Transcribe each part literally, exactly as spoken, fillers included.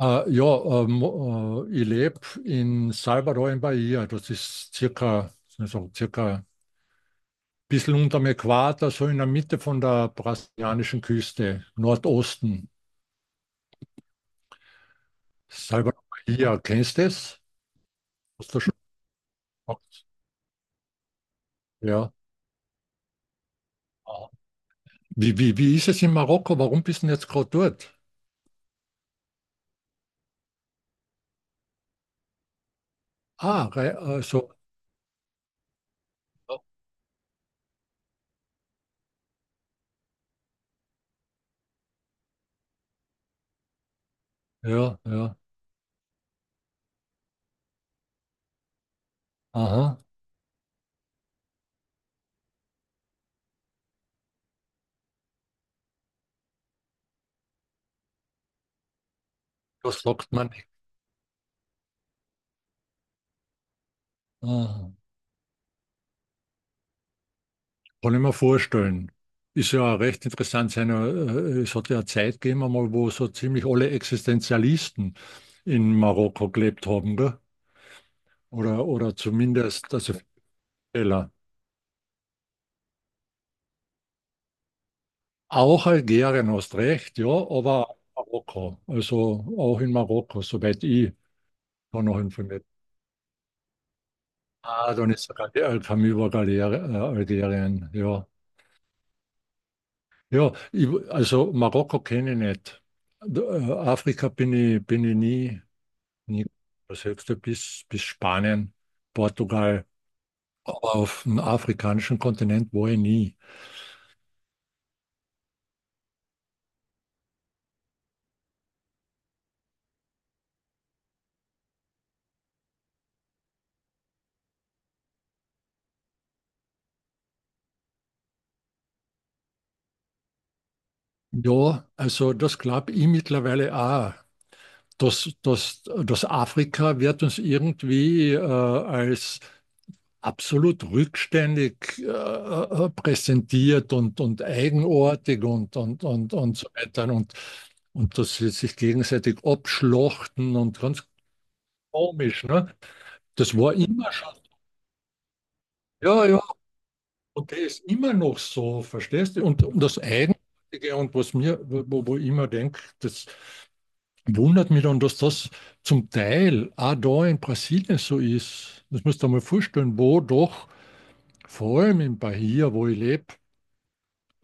Äh, ja, ähm, äh, ich lebe in Salvador in Bahia. Das ist circa, also circa ein bisschen unter dem Äquator, so in der Mitte von der brasilianischen Küste, Nordosten. Salvador Bahia, kennst du das? Hast du schon gehört? Ja. Wie, wie, wie ist es in Marokko? Warum bist du denn jetzt gerade dort? Ah, rei- also, ja, ja, aha, das sagt man nicht. Aha. Kann ich mir vorstellen. Ist ja recht interessant. Seine, äh, es hat ja eine Zeit gegeben, einmal, wo so ziemlich alle Existenzialisten in Marokko gelebt haben, gell? Oder, oder zumindest, also Fehler. Auch Algerien, hast recht, ja, aber auch Marokko. Also auch in Marokko, soweit ich da noch informiert bin. Ah, dann ist sogar die Al- Camus war Galer, äh, Algerien, ja. Ja, ich, also Marokko kenne ich nicht. Da, äh, Afrika bin ich, bin ich nie. Nie das höchste bis, bis Spanien, Portugal, aber auf dem afrikanischen Kontinent war ich nie. Ja, also das glaube ich mittlerweile auch. das das das Afrika wird uns irgendwie äh, als absolut rückständig äh, äh, präsentiert und, und eigenartig und, und, und, und so weiter. Und, und dass sie sich gegenseitig abschlachten und ganz komisch. Ne? Das war immer schon. Ja, ja. Und der ist immer noch so, verstehst du? Und, und das Eigenartige und was mir, wo, wo ich immer denke, das wundert mich dann, dass das zum Teil auch da in Brasilien so ist. Das musst du dir mal vorstellen, wo doch, vor allem in Bahia, wo ich lebe,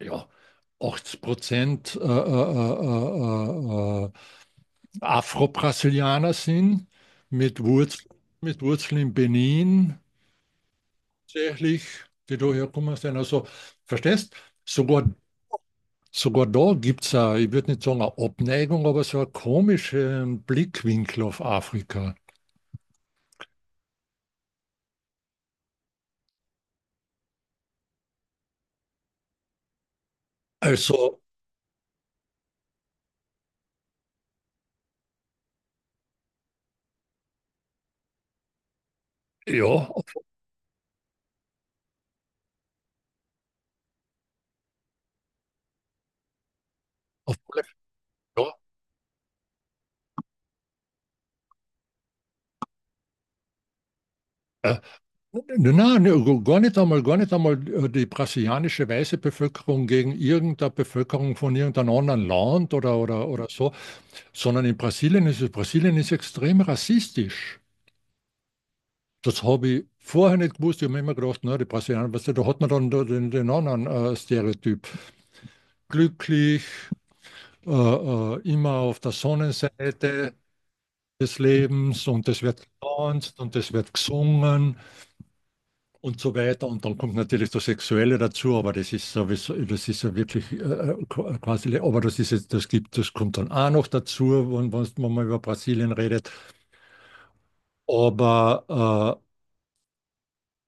ja, achtzig Prozent äh, äh, äh, äh, äh, Afro-Brasilianer sind, mit Wurzeln, mit Wurzeln in Benin, tatsächlich, die da herkommen sind. Also, verstehst du? Sogar Sogar da gibt es auch, ich würde nicht sagen eine Abneigung, aber so einen komischen Blickwinkel auf Afrika. Also, ja, auf, auf alle Fälle, ja. Äh, nein, nein, nein, gar nicht einmal, gar nicht einmal äh, die brasilianische weiße Bevölkerung gegen irgendeine Bevölkerung von irgendeinem anderen Land oder, oder, oder so, sondern in Brasilien ist es, Brasilien ist extrem rassistisch. Das habe ich vorher nicht gewusst. Ich habe mir immer gedacht, na, die Brasilianer, weißt du, da hat man dann da den, den anderen äh, Stereotyp. Glücklich, äh, äh, immer auf der Sonnenseite des Lebens und es wird getanzt und es wird gesungen und so weiter. Und dann kommt natürlich das Sexuelle dazu, aber das ist sowieso, das ist ja wirklich äh, äh, quasi, aber das ist jetzt, das gibt, das kommt dann auch noch dazu, wenn, wenn man über Brasilien redet. Aber äh,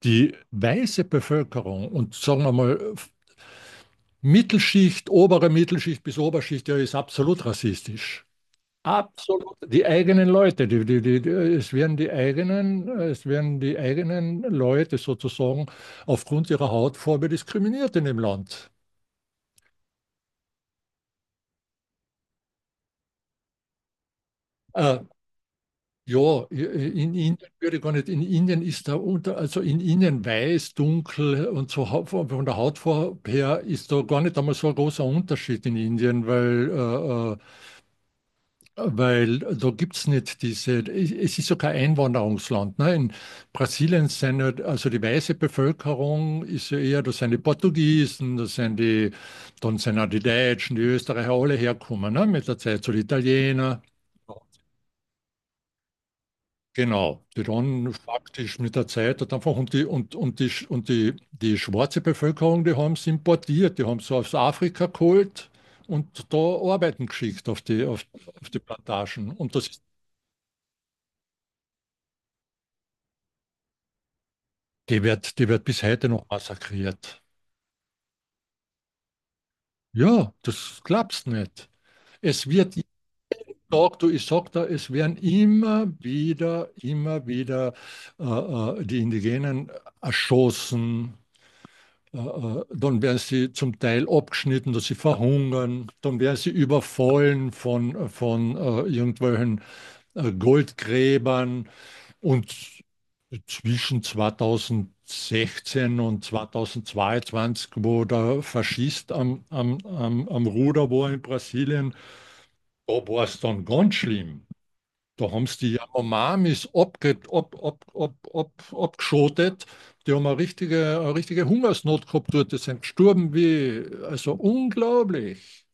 die weiße Bevölkerung und sagen wir mal, Mittelschicht, obere Mittelschicht bis Oberschicht, ja, ist absolut rassistisch. Absolut, die eigenen Leute, die, die, die, die, es werden die eigenen, es werden die eigenen Leute sozusagen aufgrund ihrer Hautfarbe diskriminiert in dem Land. Äh, ja, in Indien würde ich gar nicht, in Indien ist da unter, also in Indien weiß, dunkel und so hau- von von der Hautfarbe her ist da gar nicht einmal so ein großer Unterschied in Indien, weil äh, äh, Weil da gibt es nicht diese, es ist ja kein Einwanderungsland. Ne? In Brasilien sind ja, also die weiße Bevölkerung ist ja eher, das sind die Portugiesen, das sind die, dann sind auch die Deutschen, die Österreicher, alle herkommen, ne? Mit der Zeit, so die Italiener. Genau, die dann faktisch mit der Zeit hat einfach und die und, und die und die, die schwarze Bevölkerung, die haben es importiert, die haben es aus Afrika geholt und da arbeiten geschickt auf die auf, auf die Plantagen. Und das. Die wird, die wird bis heute noch massakriert. Ja, das glaubst nicht. Es wird jeden Tag, du, ich sag da, es werden immer wieder, immer wieder äh, äh, die Indigenen erschossen. Äh, äh, dann werden sie zum Teil abgeschnitten, dass sie verhungern. Dann werden sie überfallen von, von äh, irgendwelchen äh, Goldgräbern. Und zwischen zweitausendsechzehn und zweitausendzweiundzwanzig, wo der Faschist am, am, am, am Ruder war in Brasilien, da war es dann ganz schlimm. Da haben sie die Yanomamis abge, ab, ab, ab, ab, abgeschotet. Die haben eine richtige, eine richtige Hungersnot gehabt dort. Die sind gestorben wie, also unglaublich.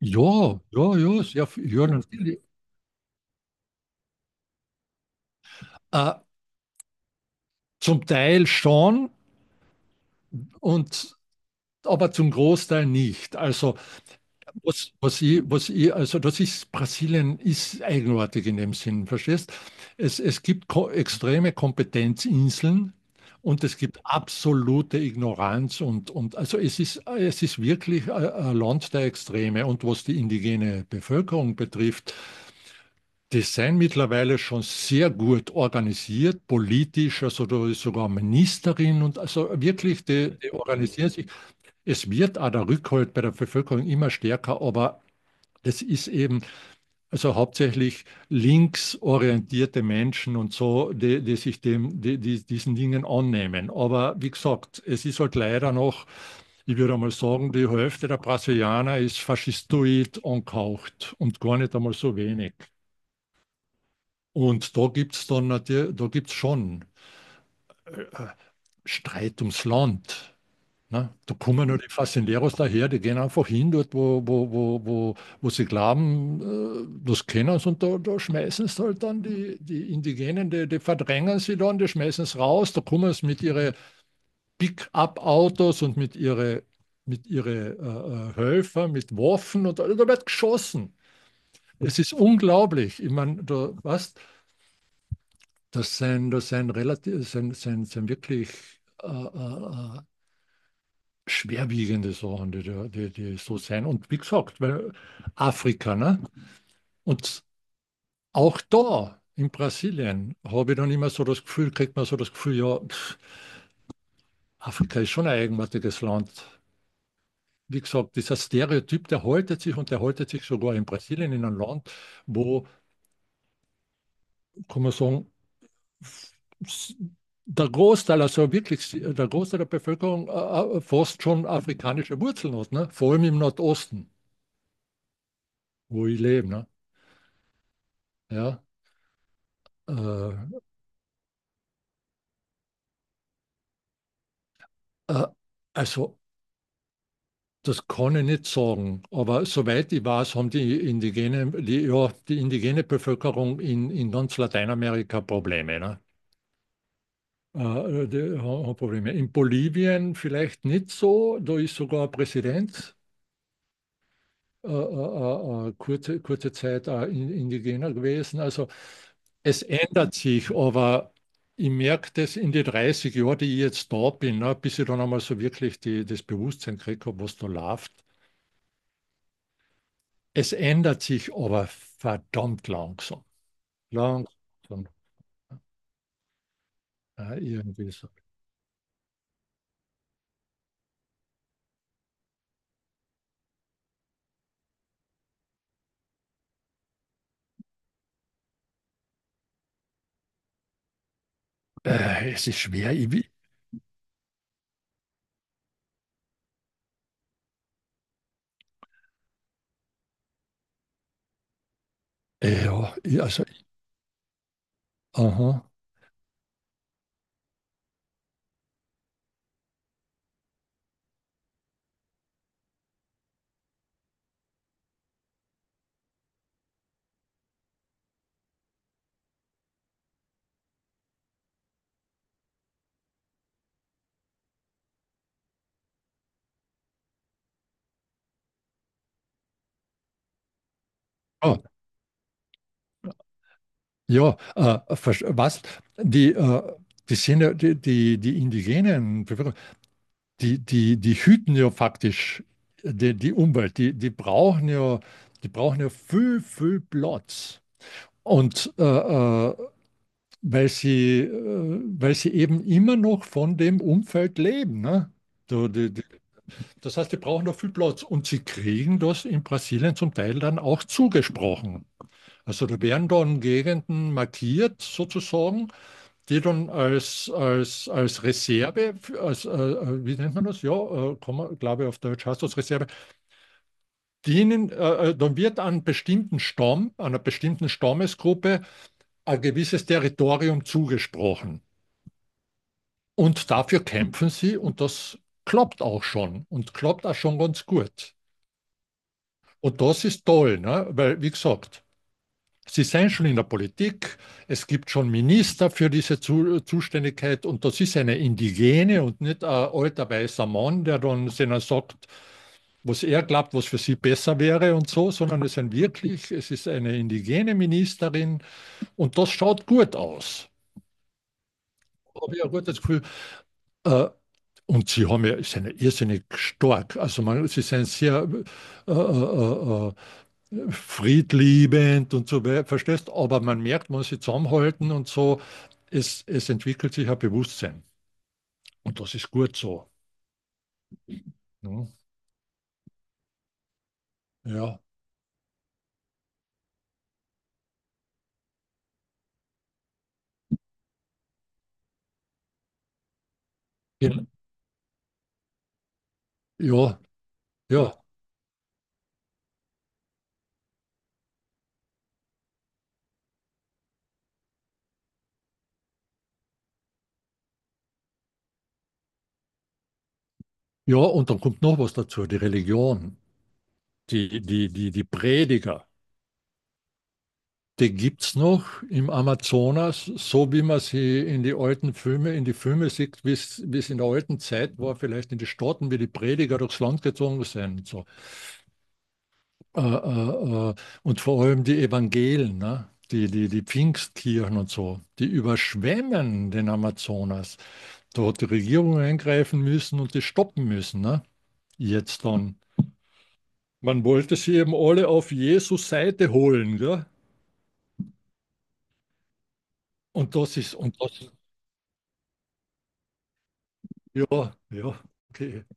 Ja, ja, ja, sehr viel. Ja, natürlich. Äh, Zum Teil schon. Und aber zum Großteil nicht. Also, was, was ich, was ich, also das ist, Brasilien ist eigenartig in dem Sinn, verstehst? Es, es gibt ko extreme Kompetenzinseln und es gibt absolute Ignoranz und, und also es ist, es ist wirklich ein ein Land der Extreme. Und was die indigene Bevölkerung betrifft, die sind mittlerweile schon sehr gut organisiert, politisch, also da ist sogar eine Ministerin und also wirklich, die, die organisieren sich. Es wird auch der Rückhalt bei der Bevölkerung immer stärker, aber das ist eben also hauptsächlich linksorientierte Menschen und so, die, die sich dem, die, die, diesen Dingen annehmen. Aber wie gesagt, es ist halt leider noch, ich würde einmal sagen, die Hälfte der Brasilianer ist faschistoid angehaucht und gar nicht einmal so wenig. Und da gibt es dann natürlich, da gibt's schon äh, Streit ums Land. Ne? Da kommen ja nur die Faszineros daher, die gehen einfach hin, dort, wo, wo, wo, wo, wo sie glauben, äh, das kennen sie, und da, da schmeißen sie halt dann die, die Indigenen, die, die verdrängen sie dann, die schmeißen es raus, da kommen sie mit ihren Pick-up-Autos und mit ihren mit ihre, äh, äh, Helfern, mit Waffen und da wird geschossen. Es ist unglaublich. Ich meine, da, was, das sind, das sind relativ, sind, sind, sind wirklich äh, äh, äh, schwerwiegende Sachen, die, da- die, die so sein. Und wie gesagt, weil Afrika, ne? Und auch da in Brasilien habe ich dann immer so das Gefühl, kriegt man so das Gefühl, ja, pff, Afrika ist schon ein eigenartiges Land. Wie gesagt, dieser Stereotyp, der haltet sich und der haltet sich sogar in Brasilien, in einem Land, wo, kann man sagen, s- der Großteil, also wirklich der Großteil der Bevölkerung äh, äh, fast schon afrikanische Wurzeln hat, ne? Vor allem im Nordosten, wo ich lebe, ne? Ja. Äh, äh, also, das kann ich nicht sagen. Aber soweit ich weiß, haben die indigene, die, ja, die indigene Bevölkerung in, in ganz Lateinamerika Probleme. Ne? Äh, die haben Probleme. In Bolivien vielleicht nicht so. Da ist sogar ein Präsident äh, äh, äh, äh, kurze, kurze Zeit äh, indigener gewesen. Also es ändert sich, aber ich merke das in den dreißig Jahren, die ich jetzt da bin, ne, bis ich dann einmal so wirklich die, das Bewusstsein gekriegt habe, was da läuft. Es ändert sich aber verdammt langsam. Langsam. Äh, irgendwie so. Äh, es ist schwer. Ich, äh, ja, ich, also, aha. Ah, ja, äh, versch- was? Die, äh, die sind ja, die, die, die indigenen Bevölkerung, die, die, die hüten ja faktisch äh, die, die Umwelt. Die, die brauchen ja, die brauchen ja viel, viel Platz. Und äh, äh, weil sie, äh, weil sie eben immer noch von dem Umfeld leben. Ne? So, die, die, das heißt, die brauchen noch viel Platz und sie kriegen das in Brasilien zum Teil dann auch zugesprochen. Also da werden dann Gegenden markiert sozusagen, die dann als, als, als Reserve, für- als, äh, äh, wie nennt man das? Ja, äh, Komma, glaube ich, auf Deutsch heißt das Reserve, dienen, äh, äh, dann wird an bestimmten Stamm, einer bestimmten Stammesgruppe ein gewisses Territorium zugesprochen. Und dafür kämpfen sie und das klappt auch schon und klappt auch schon ganz gut. Und das ist toll, ne? Weil, wie gesagt, sie sind schon in der Politik, es gibt schon Minister für diese Zu Zuständigkeit und das ist eine Indigene und nicht ein alter weißer Mann, der dann denen sagt, was er glaubt, was für sie besser wäre und so, sondern es sind wirklich, es ist eine indigene Ministerin und das schaut gut aus, habe ich ein gutes Gefühl. äh, Und sie haben ja, sind ja irrsinnig stark. Also man, sie sind sehr äh, äh, äh, friedliebend und so weiter, verstehst? Aber man merkt, wenn sie zusammenhalten und so, es, es entwickelt sich ein Bewusstsein. Und das ist gut so. Ne? Ja, Gen- ja, ja, ja. Und dann kommt noch was dazu, die Religion, die, die, die, die Prediger. Die gibt's noch im Amazonas, so wie man sie in die alten Filme, in die Filme sieht, wie es in der alten Zeit war, vielleicht in die Staaten, wie die Prediger durchs Land gezogen sind, und so. Äh, äh, äh, und vor allem die Evangelen, ne? Die, die, die Pfingstkirchen und so, die überschwemmen den Amazonas. Da hat die Regierung eingreifen müssen und die stoppen müssen. Ne? Jetzt dann. Man wollte sie eben alle auf Jesus Seite holen. Gell? Und das ist, und das, ja, ja, okay.